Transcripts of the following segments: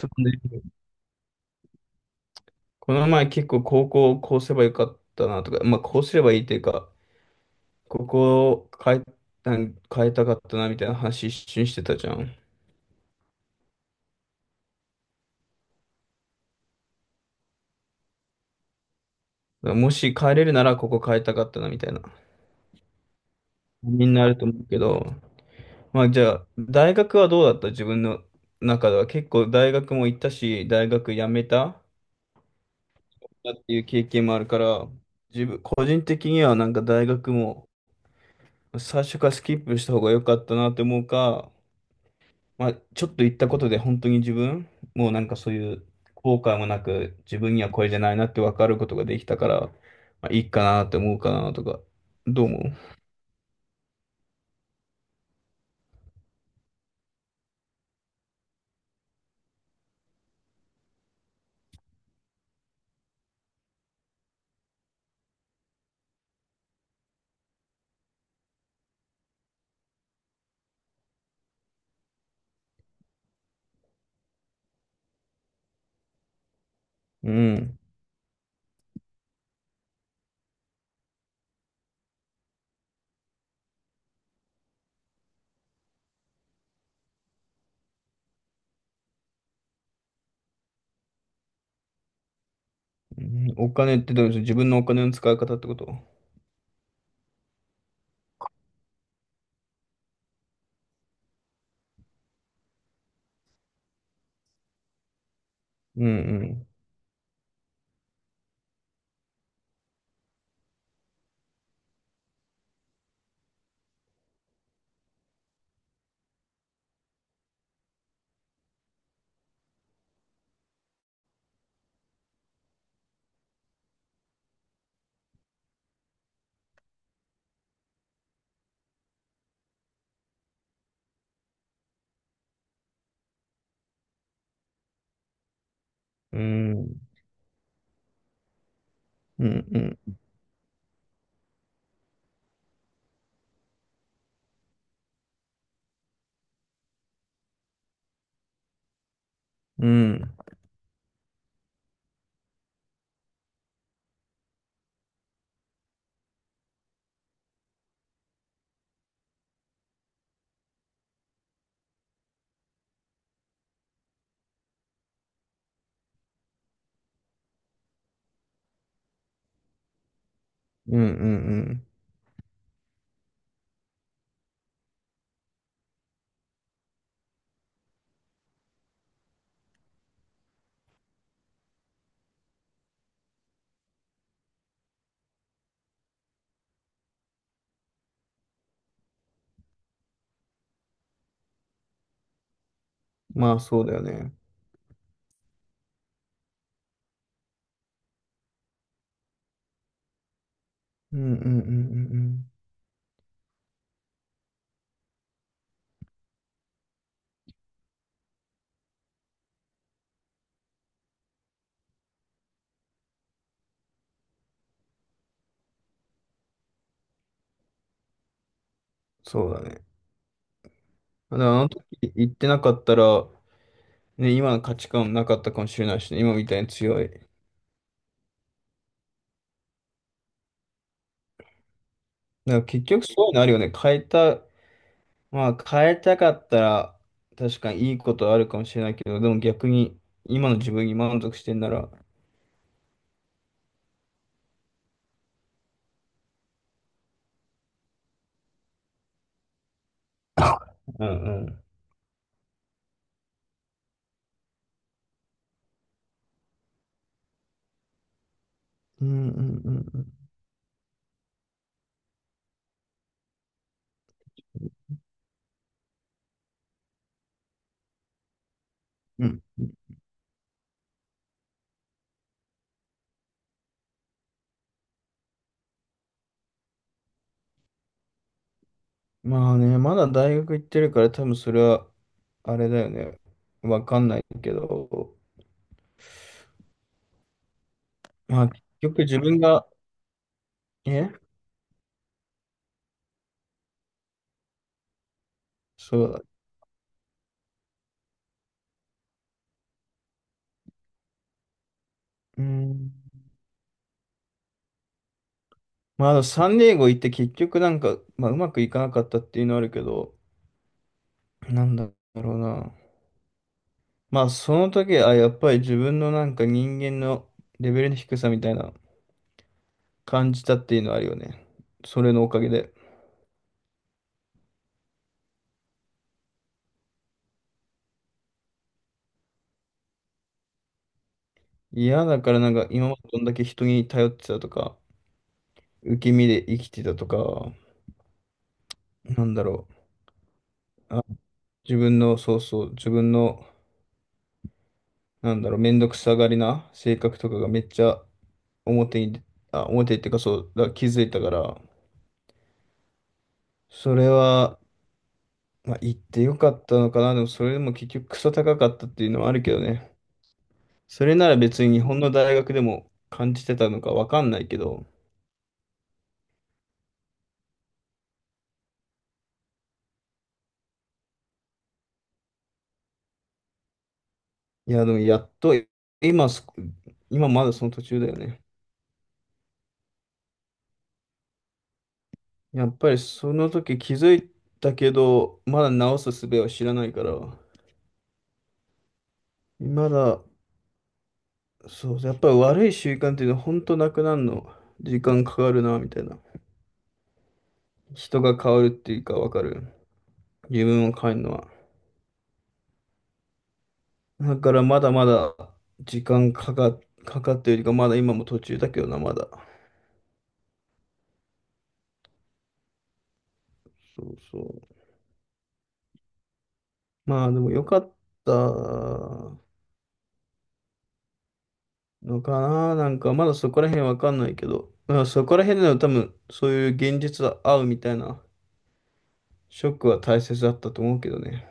そうね。この前結構高校こうすればよかったなとか、まあこうすればいいというか、ここを変え、なん変えたかったなみたいな話一瞬してたじゃん。だからもし変えれるならここ変えたかったなみたいな。みんなあると思うけど、まあじゃあ大学はどうだった？自分の中では結構大学も行ったし、大学辞めたっていう経験もあるから、自分、個人的にはなんか大学も最初からスキップした方が良かったなって思うか、まあ、ちょっと言ったことで本当に自分、もうなんかそういう後悔もなく、自分にはこれじゃないなって分かることができたから、まあ、いいかなって思うかなとか、どう思う？うん。うん。お金ってどういうこと？自分のお金の使い方ってこと？うんうん。うん。うんうんうん。うんうんうん。まあそうだよね。うんうんうんうんうん。そうだね。だからあの時言ってなかったら、ね、今の価値観なかったかもしれないしね、今みたいに強い。なんか結局そういうのあるよね。変えた、まあ変えたかったら確かにいいことあるかもしれないけど、でも逆に今の自分に満足してんなら、うんうん。うんうんうんうん。うん。まあね、まだ大学行ってるから多分それはあれだよね。わかんないけど、まあ結局自分が、えそうだ。うん。まああのサンディエゴ行って結局なんか、まあうまくいかなかったっていうのはあるけど、なんだろうな。まあ、その時、あ、やっぱり自分のなんか人間のレベルの低さみたいな感じたっていうのはあるよね。それのおかげで。嫌だからなんか今までどんだけ人に頼ってたとか、受け身で生きてたとか、なんだろう。あ、自分の、そうそう、自分の、なんだろう、めんどくさがりな性格とかがめっちゃ表に、あ、表っていうかそう、だ、気づいたから、それは、まあ、言ってよかったのかな。でもそれでも結局クソ高かったっていうのはあるけどね。それなら別に日本の大学でも感じてたのかわかんないけど、いや、でもやっと、今そ、今まだその途中だよね。やっぱりその時気づいたけど、まだ直す術を知らないから、まだ、そう、やっぱり悪い習慣っていうのは本当なくなるの、時間かかるな、みたいな。人が変わるっていうかわかる。自分を変えるのは。だからまだまだ時間かかってるよりか、まだ今も途中だけどな、まだ。そうそう。まあでも良かったのかな。なんかまだそこら辺わかんないけど、まあそこら辺での多分そういう現実は合うみたいなショックは大切だったと思うけどね。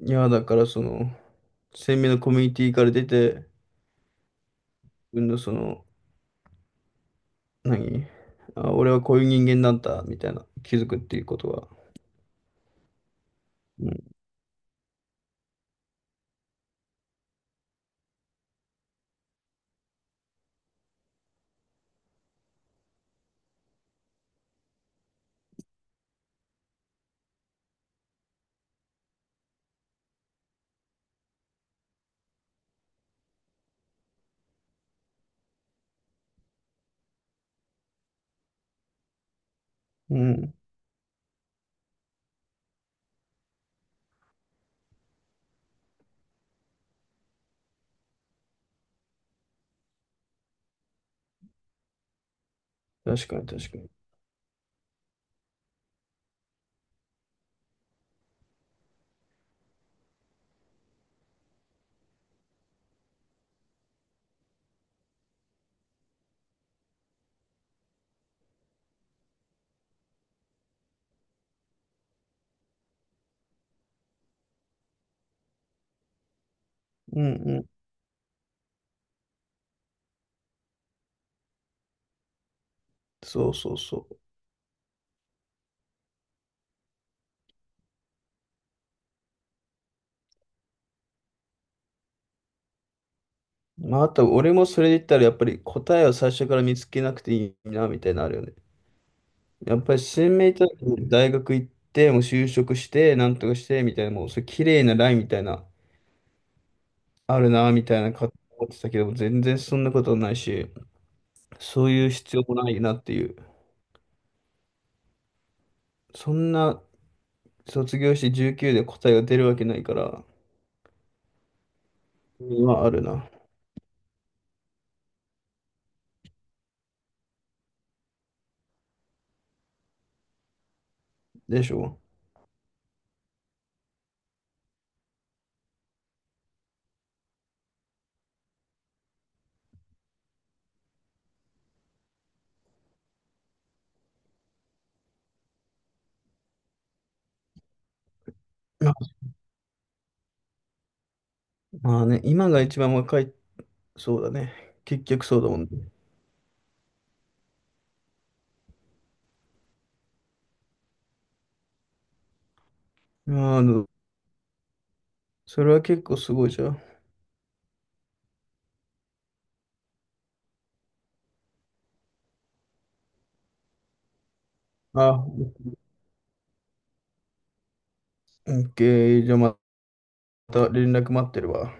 いや、だからその、鮮明なコミュニティから出て、自分のその、何俺はこういう人間なんだ、みたいな気づくっていうことは。うん。うん。確かに確かに。うんうん。そうそうそう。まああと俺もそれで言ったらやっぱり答えを最初から見つけなくていいな、みたいなのあるよね。やっぱり新明と大学行って、もう就職して、なんとかして、みたいな、もう、それ綺麗なラインみたいな、あるな、みたいな、か思ってたけども、全然そんなことないし、そういう必要もないなっていう。そんな、卒業して19で答えが出るわけないから、今あるな。でしょ？まあまあね、今が一番若い、そうだね。結局そうだもんね。まああ、それは結構すごいじゃん。あ、オッケー。じゃあまた連絡待ってるわ。